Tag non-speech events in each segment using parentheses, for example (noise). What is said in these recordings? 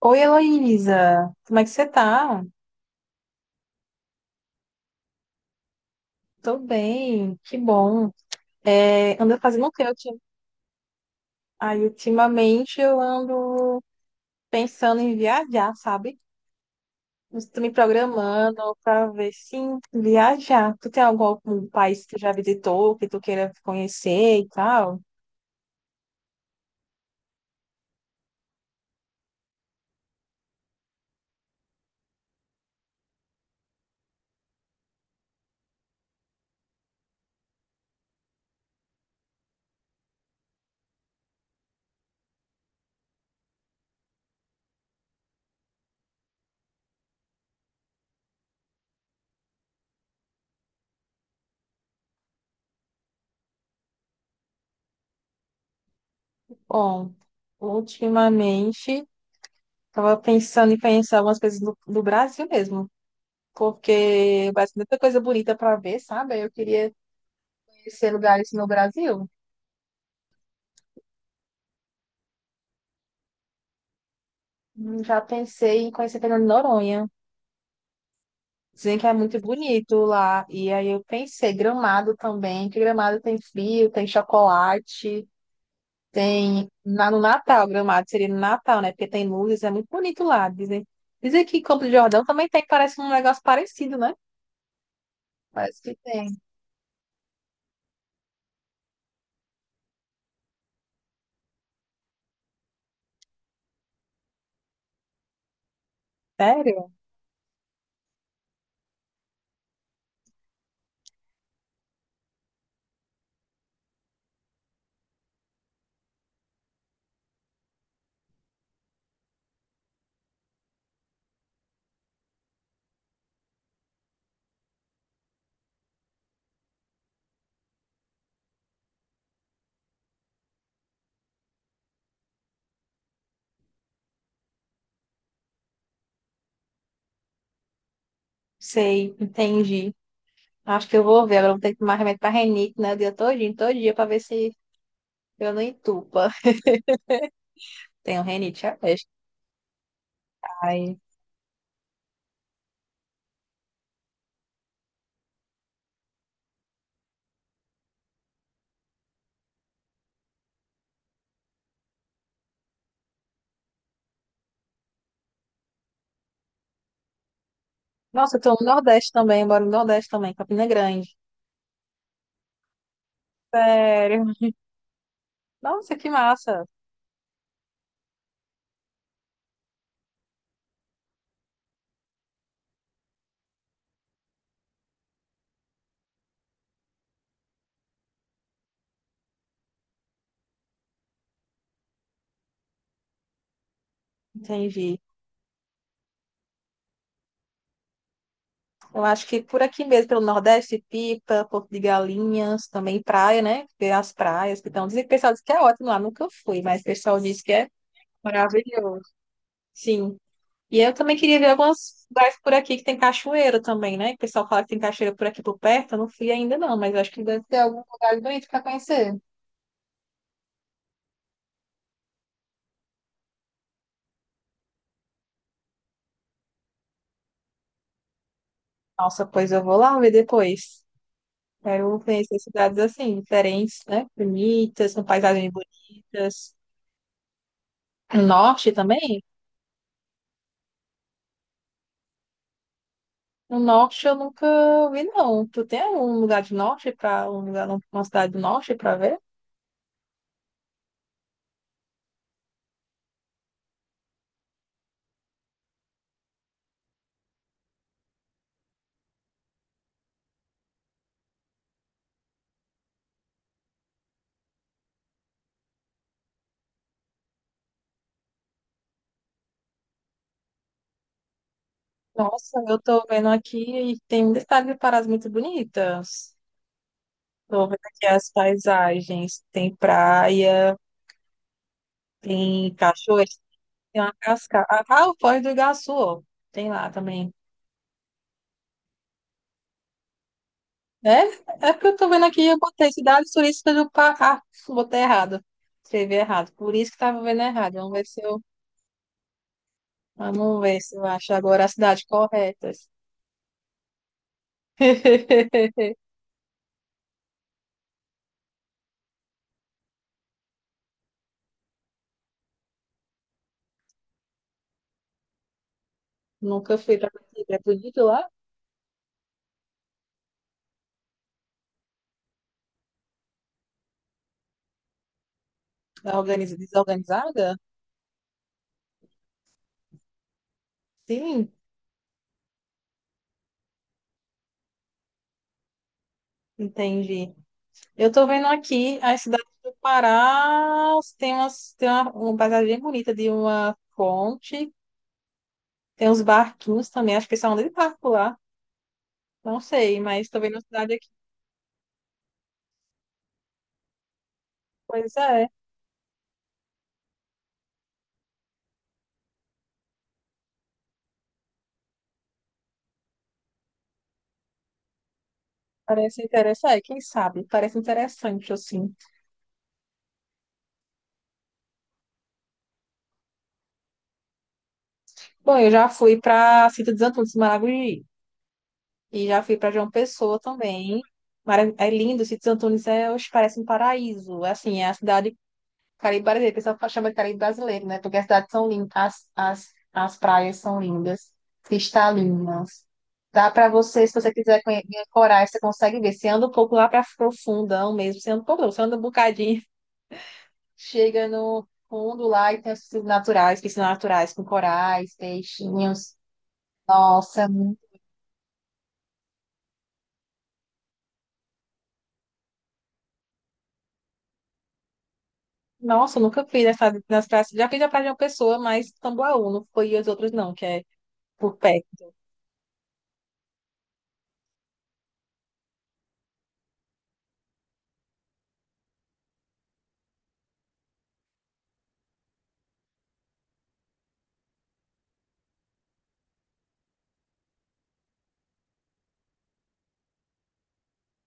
Oi, Heloísa, como é que você tá? Tô bem, que bom. É, ando fazendo o que eu tinha. Aí, ultimamente, eu ando pensando em viajar, sabe? Estou me programando para ver se viajar. Tu tem algum país que tu já visitou, que tu queira conhecer e tal? Bom, ultimamente, tava pensando em conhecer algumas coisas do Brasil mesmo. Porque vai ser muita coisa bonita para ver, sabe? Eu queria conhecer lugares no Brasil. Já pensei em conhecer Fernando de Noronha. Dizem que é muito bonito lá. E aí eu pensei, Gramado também, que Gramado tem frio, tem chocolate, tem no Natal, Gramado seria no Natal, né? Porque tem luzes, é muito bonito lá. Dizem que Campo de Jordão também tem, parece um negócio parecido, né? Parece que tem. Sério? Sei, entendi. Acho que eu vou ver. Agora eu vou ter que tomar remédio pra renite, né? O dia todinho, todo dia, pra ver se eu não entupa. (laughs) Tenho renite, já vejo. Nossa, eu tô no Nordeste também, eu moro no Nordeste também, Campina Grande. Sério. Nossa, que massa. Entendi. Eu acho que por aqui mesmo, pelo Nordeste, Pipa, Porto de Galinhas, também praia, né? Tem as praias que estão. Dizem que o pessoal diz que é ótimo lá, nunca fui, mas o pessoal diz que é maravilhoso. Sim. E eu também queria ver alguns lugares por aqui que tem cachoeira também, né? O pessoal fala que tem cachoeira por aqui por perto, eu não fui ainda não, mas eu acho que deve ter algum lugar bonito para conhecer. Nossa, pois eu vou lá ver depois. Quero conhecer cidades assim, diferentes, né? Bonitas, com paisagens bonitas. No norte também? No norte eu nunca vi, não. Tu tem algum lugar de norte para um lugar, uma cidade do norte para ver? Nossa, eu tô vendo aqui e tem muita cidade de Parás muito bonitas. Tô vendo aqui as paisagens. Tem praia, tem cachoeira, tem uma cascata. Ah, o Foz do Iguaçu, ó. Tem lá também. É? É porque eu tô vendo aqui, eu botei cidades turísticas do Pará. Ah, botei errado. Escrevi errado. Por isso que tava vendo errado. Vamos ver se eu acho agora as cidades corretas. (laughs) Nunca fui pra Brasília. É bonito lá? Desorganizada? Sim, entendi. Eu tô vendo aqui as cidades do Pará. Tem, umas, tem uma paisagem bem bonita de uma fonte. Tem uns barquinhos também. Acho que eles são de barco lá. Não sei, mas tô vendo a cidade aqui. Pois é. Parece interessante, é, quem sabe? Parece interessante, assim. Bom, eu já fui para Sítio dos Antunes, Maragogi, e já fui para João Pessoa também. É lindo, Sítio dos Antunes é, oxe, parece um paraíso. É assim, é a cidade Caribe brasileira, o pessoal chama de Caribe brasileiro, né? Porque as cidades são lindas, as praias são lindas, cristalinas. Dá para você, se você quiser coragem, você consegue ver. Você anda um pouco lá para profundão mesmo, você anda um pouco, não, você anda um bocadinho. Chega no fundo lá e tem as piscinas naturais com corais, peixinhos. Nossa, nossa, eu nunca fiz essa nas praias. Já fiz a praia de uma pessoa, mas Tambaú não foi e as outras não, que é por perto.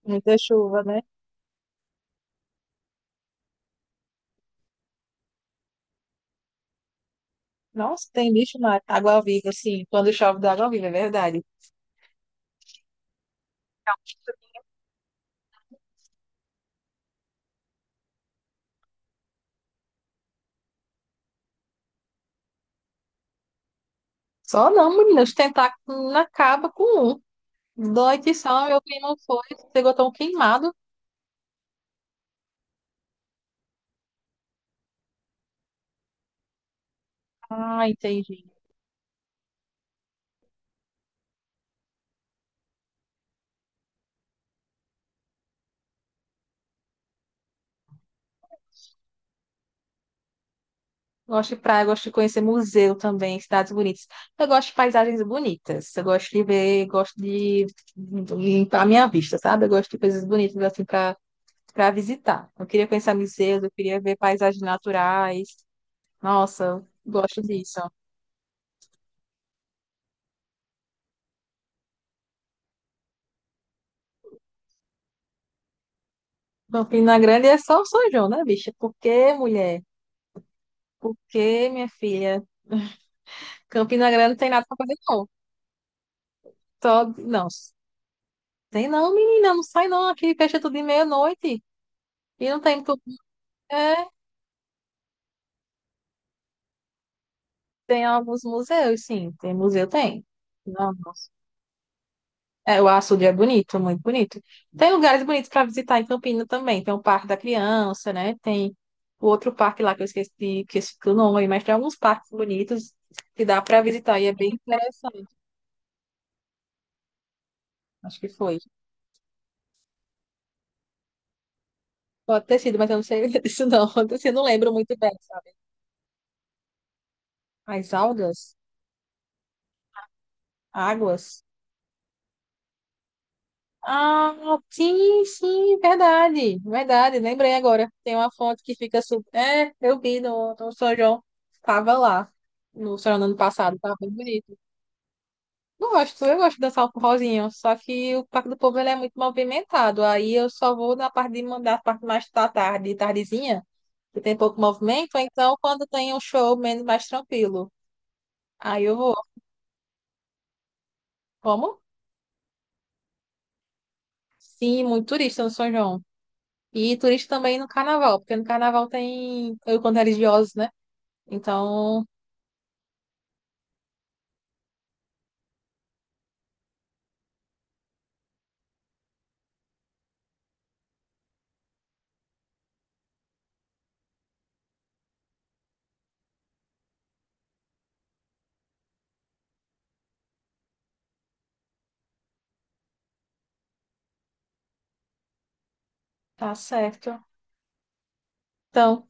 Muita chuva, né? Nossa, tem bicho na água-viva, assim, quando chove da água-viva, é verdade. Só não, menina, os tentáculos não acaba com um. Dói que só, meu primo foi, chegou tão queimado. Ah, entendi. Gosto de praia, gosto de conhecer museu também, cidades bonitas. Eu gosto de paisagens bonitas. Eu gosto de ver, gosto de limpar a minha vista, sabe? Eu gosto de coisas bonitas assim para visitar. Eu queria conhecer museus, eu queria ver paisagens naturais. Nossa, eu gosto disso. Campina Grande é só o São João, né, bicha? Por que, mulher? Por que, minha filha? (laughs) Campina Grande não tem nada pra fazer, não. Só... Não, tem não, menina, não sai não. Aqui fecha tudo de meia-noite. E não tem tudo. Tem alguns museus, sim. Tem museu, tem. Nossa. É, o açude é bonito, muito bonito. Tem lugares bonitos para visitar em Campina também. Tem o Parque da Criança, né? Tem o outro parque lá que eu esqueci, o nome, mas tem alguns parques bonitos que dá para visitar e é bem interessante. Acho que foi. Pode ter sido, mas eu não sei (laughs) disso não. (laughs) Assim, eu não lembro muito bem. As algas, águas. Ah, sim, sim, verdade, verdade. Lembrei agora. Tem uma foto que fica super. É, eu vi no São João. Tava lá. No São João do ano passado. Tava bem bonito. Gosto, eu gosto de dançar o forrozinho. Só que o Parque do Povo ele é muito movimentado. Aí eu só vou na parte de mandar a parte mais da tarde, tardezinha, que tem pouco movimento. Ou então, quando tem um show menos mais tranquilo. Aí eu vou. Como? Sim, muito turista no São João. E turista também no carnaval, porque no carnaval tem encontro religiosos, né? Então, tá certo. Então,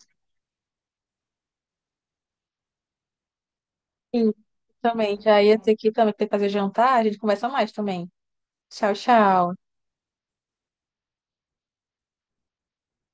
sim, também. Já ia ter que também ter que fazer jantar, a gente conversa mais também. Tchau, tchau.